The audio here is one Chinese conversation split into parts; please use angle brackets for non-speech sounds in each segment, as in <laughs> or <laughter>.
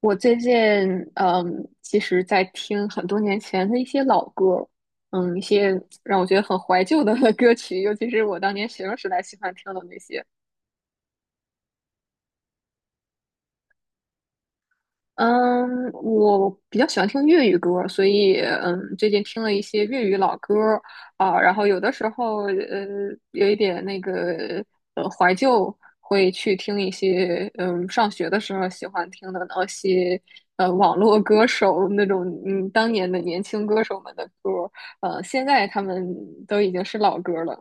我最近嗯，其实在听很多年前的一些老歌儿一些让我觉得很怀旧的 <laughs> 歌曲，尤其是我当年学生时代喜欢听的那些。嗯，我比较喜欢听粤语歌儿，所以最近听了一些粤语老歌儿，然后有的时候，有一点那个怀旧，会去听一些上学的时候喜欢听的那些网络歌手那种当年的年轻歌手们的歌儿。现在他们都已经是老歌儿了。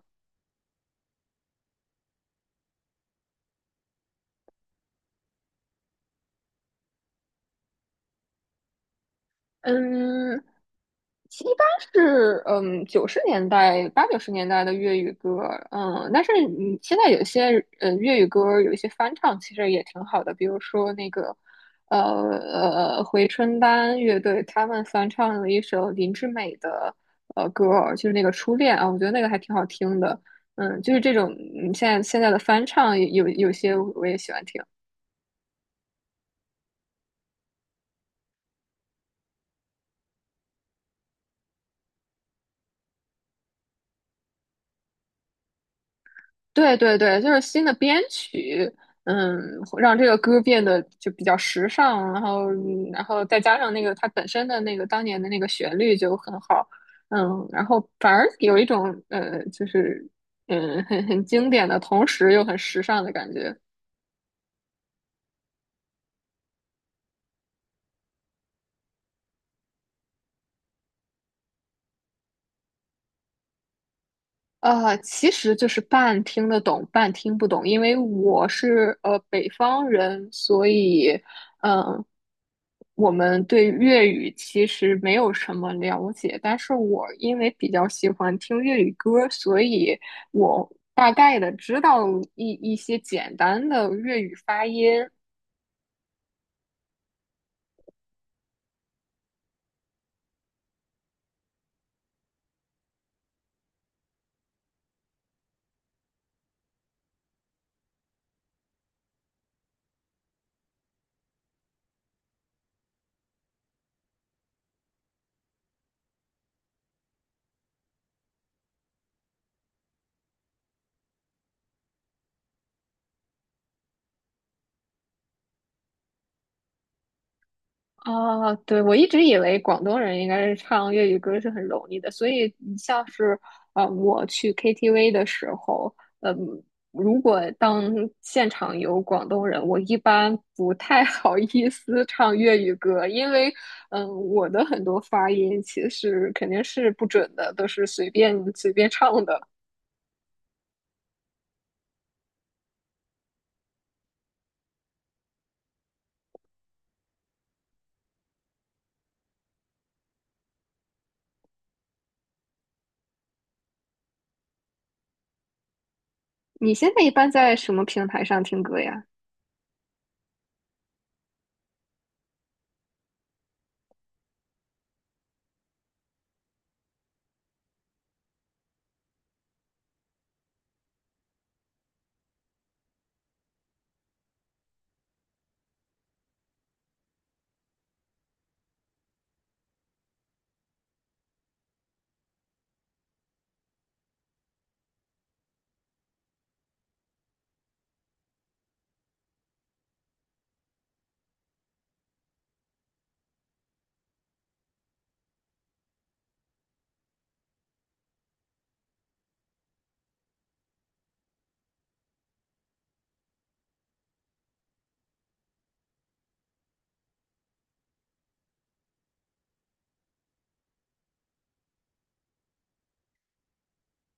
嗯，其一般是九十年代，80、90年代的粤语歌，但是你现在有些粤语歌有一些翻唱，其实也挺好的，比如说那个回春丹乐队，他们翻唱了一首林志美的歌儿，就是那个初恋啊，我觉得那个还挺好听的，就是这种现在的翻唱，有些我也喜欢听。对对对，就是新的编曲，嗯，让这个歌变得就比较时尚，然后然后再加上那个它本身的那个当年的那个旋律就很好，然后反而有一种，就是很很经典的同时又很时尚的感觉。其实就是半听得懂，半听不懂，因为我是北方人，所以嗯、呃我们对粤语其实没有什么了解，但是我因为比较喜欢听粤语歌，所以我大概的知道一些简单的粤语发音。啊，对，我一直以为广东人应该是唱粤语歌是很容易的，所以你像是，我去 KTV 的时候，嗯，如果当现场有广东人，我一般不太好意思唱粤语歌，因为我的很多发音其实肯定是不准的，都是随便唱的。你现在一般在什么平台上听歌呀？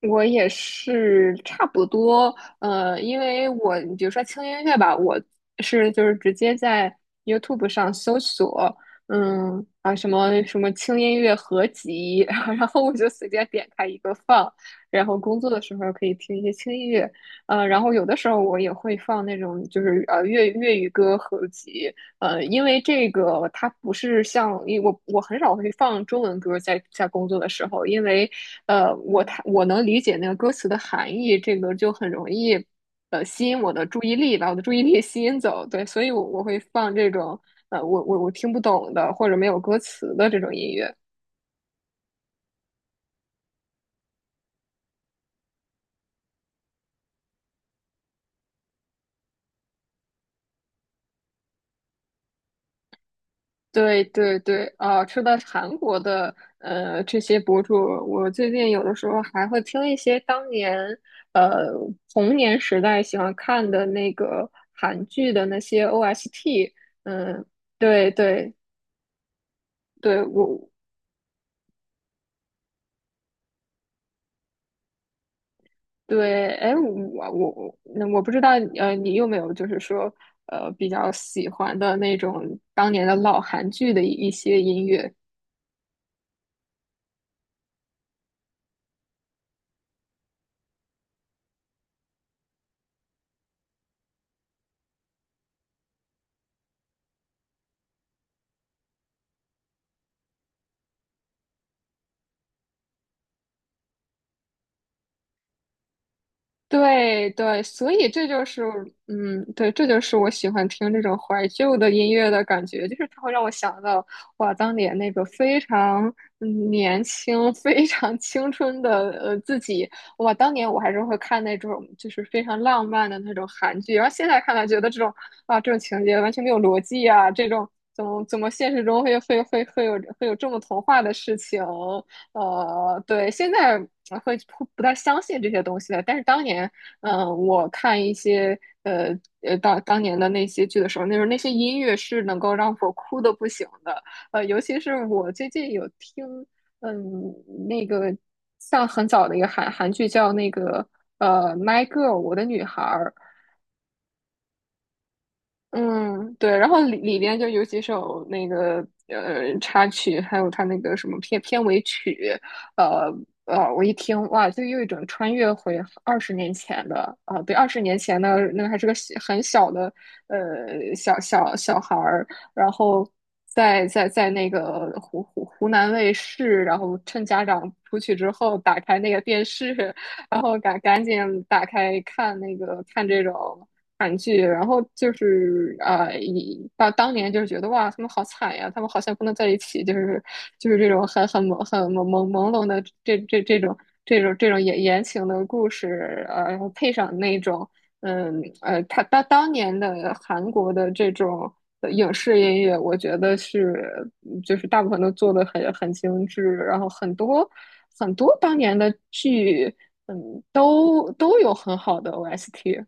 我也是差不多。因为我比如说轻音乐吧，我是就是直接在 YouTube 上搜索，嗯什么什么轻音乐合集，<laughs> 然后我就随便点开一个放，然后工作的时候可以听一些轻音乐。然后有的时候我也会放那种就是粤语歌合集。因为这个它不是像，因为我我很少会放中文歌在在工作的时候，因为我能理解那个歌词的含义，这个就很容易吸引我的注意力，把我的注意力 <laughs> 吸引走。对，所以我会放这种我听不懂的或者没有歌词的这种音乐。对对对，啊，说到韩国的这些博主，我最近有的时候还会听一些当年呃童年时代喜欢看的那个韩剧的那些 OST。嗯，对对对，我对，哎，我不知道，你有没有就是说比较喜欢的那种当年的老韩剧的一些音乐？对对，所以这就是，对，这就是我喜欢听这种怀旧的音乐的感觉，就是它会让我想到，哇，当年那个非常年轻、非常青春的自己。哇，当年我还是会看那种就是非常浪漫的那种韩剧，然后现在看来觉得，这种啊，这种情节完全没有逻辑啊，这种怎么现实中会有这么童话的事情。对，现在会不太相信这些东西了。但是当年，我看一些呃当年的那些剧的时候，那时候那些音乐是能够让我哭的不行的。尤其是我最近有听，嗯，那个像很早的一个韩剧叫那个《My Girl》《我的女孩儿》，嗯，对，然后里边就有几首那个插曲，还有他那个什么片尾曲，呃我一听，哇，就又一种穿越回二十年前的，啊，对，二十年前的那个还是个小很小的小孩儿，然后在那个湖南卫视，然后趁家长出去之后打开那个电视，<laughs> 然后赶紧打开看那个看这种韩剧，然后就是啊，以当年就是觉得，哇，他们好惨呀，他们好像不能在一起，就是这种很朦胧的这种这种言情的故事。然后配上那种他当年的韩国的这种影视音乐，我觉得是就是大部分都做的很很精致，然后很多当年的剧。嗯，都都有很好的 OST。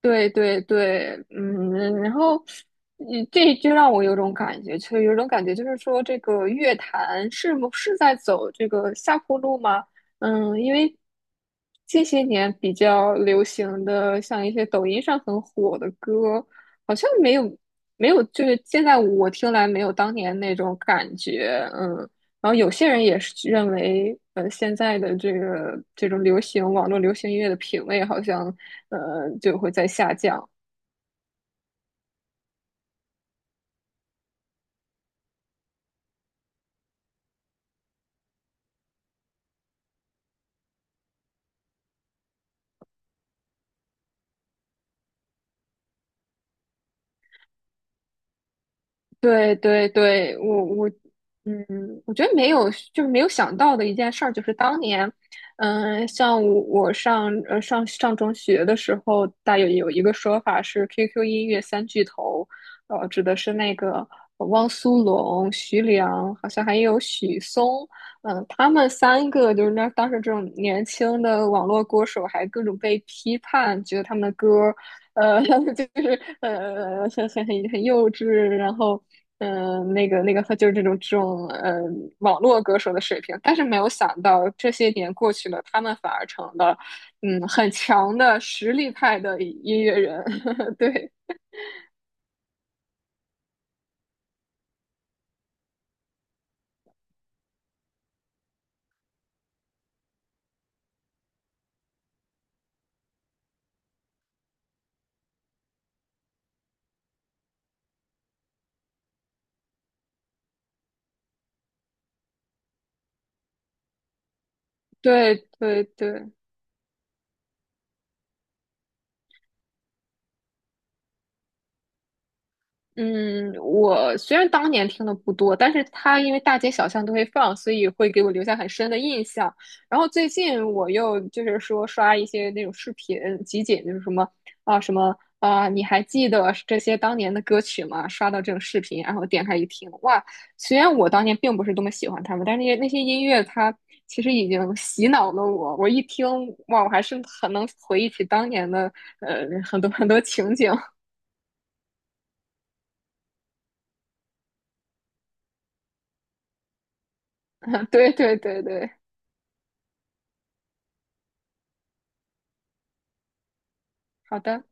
对对对，然后，这就让我有种感觉，就有种感觉，就是说这个乐坛是不是在走这个下坡路吗？因为近些年比较流行的，像一些抖音上很火的歌，好像没有，没有，就是现在我听来没有当年那种感觉。嗯。然后有些人也是认为，现在的这个这种流行，网络流行音乐的品味好像，就会在下降。对对对，嗯，我觉得没有，就是没有想到的一件事儿，就是当年，像我上中学的时候，大有一个说法是 QQ 音乐三巨头，指的是那个汪苏泷、徐良，好像还有许嵩。他们三个就是那当时这种年轻的网络歌手，还各种被批判，觉得他们的歌，呃，<laughs> 就是很幼稚，然后就是这种这种网络歌手的水平。但是没有想到，这些年过去了，他们反而成了很强的实力派的音乐人。<laughs> 对对对对。嗯，我虽然当年听的不多，但是它因为大街小巷都会放，所以会给我留下很深的印象。然后最近我又就是说刷一些那种视频集锦，就是什么啊，什么啊，你还记得这些当年的歌曲吗？刷到这种视频，然后点开一听，哇！虽然我当年并不是多么喜欢他们，但是那些音乐它其实已经洗脑了我。我一听，哇，我还是很能回忆起当年的很多情景。<laughs> 对对对对。好的。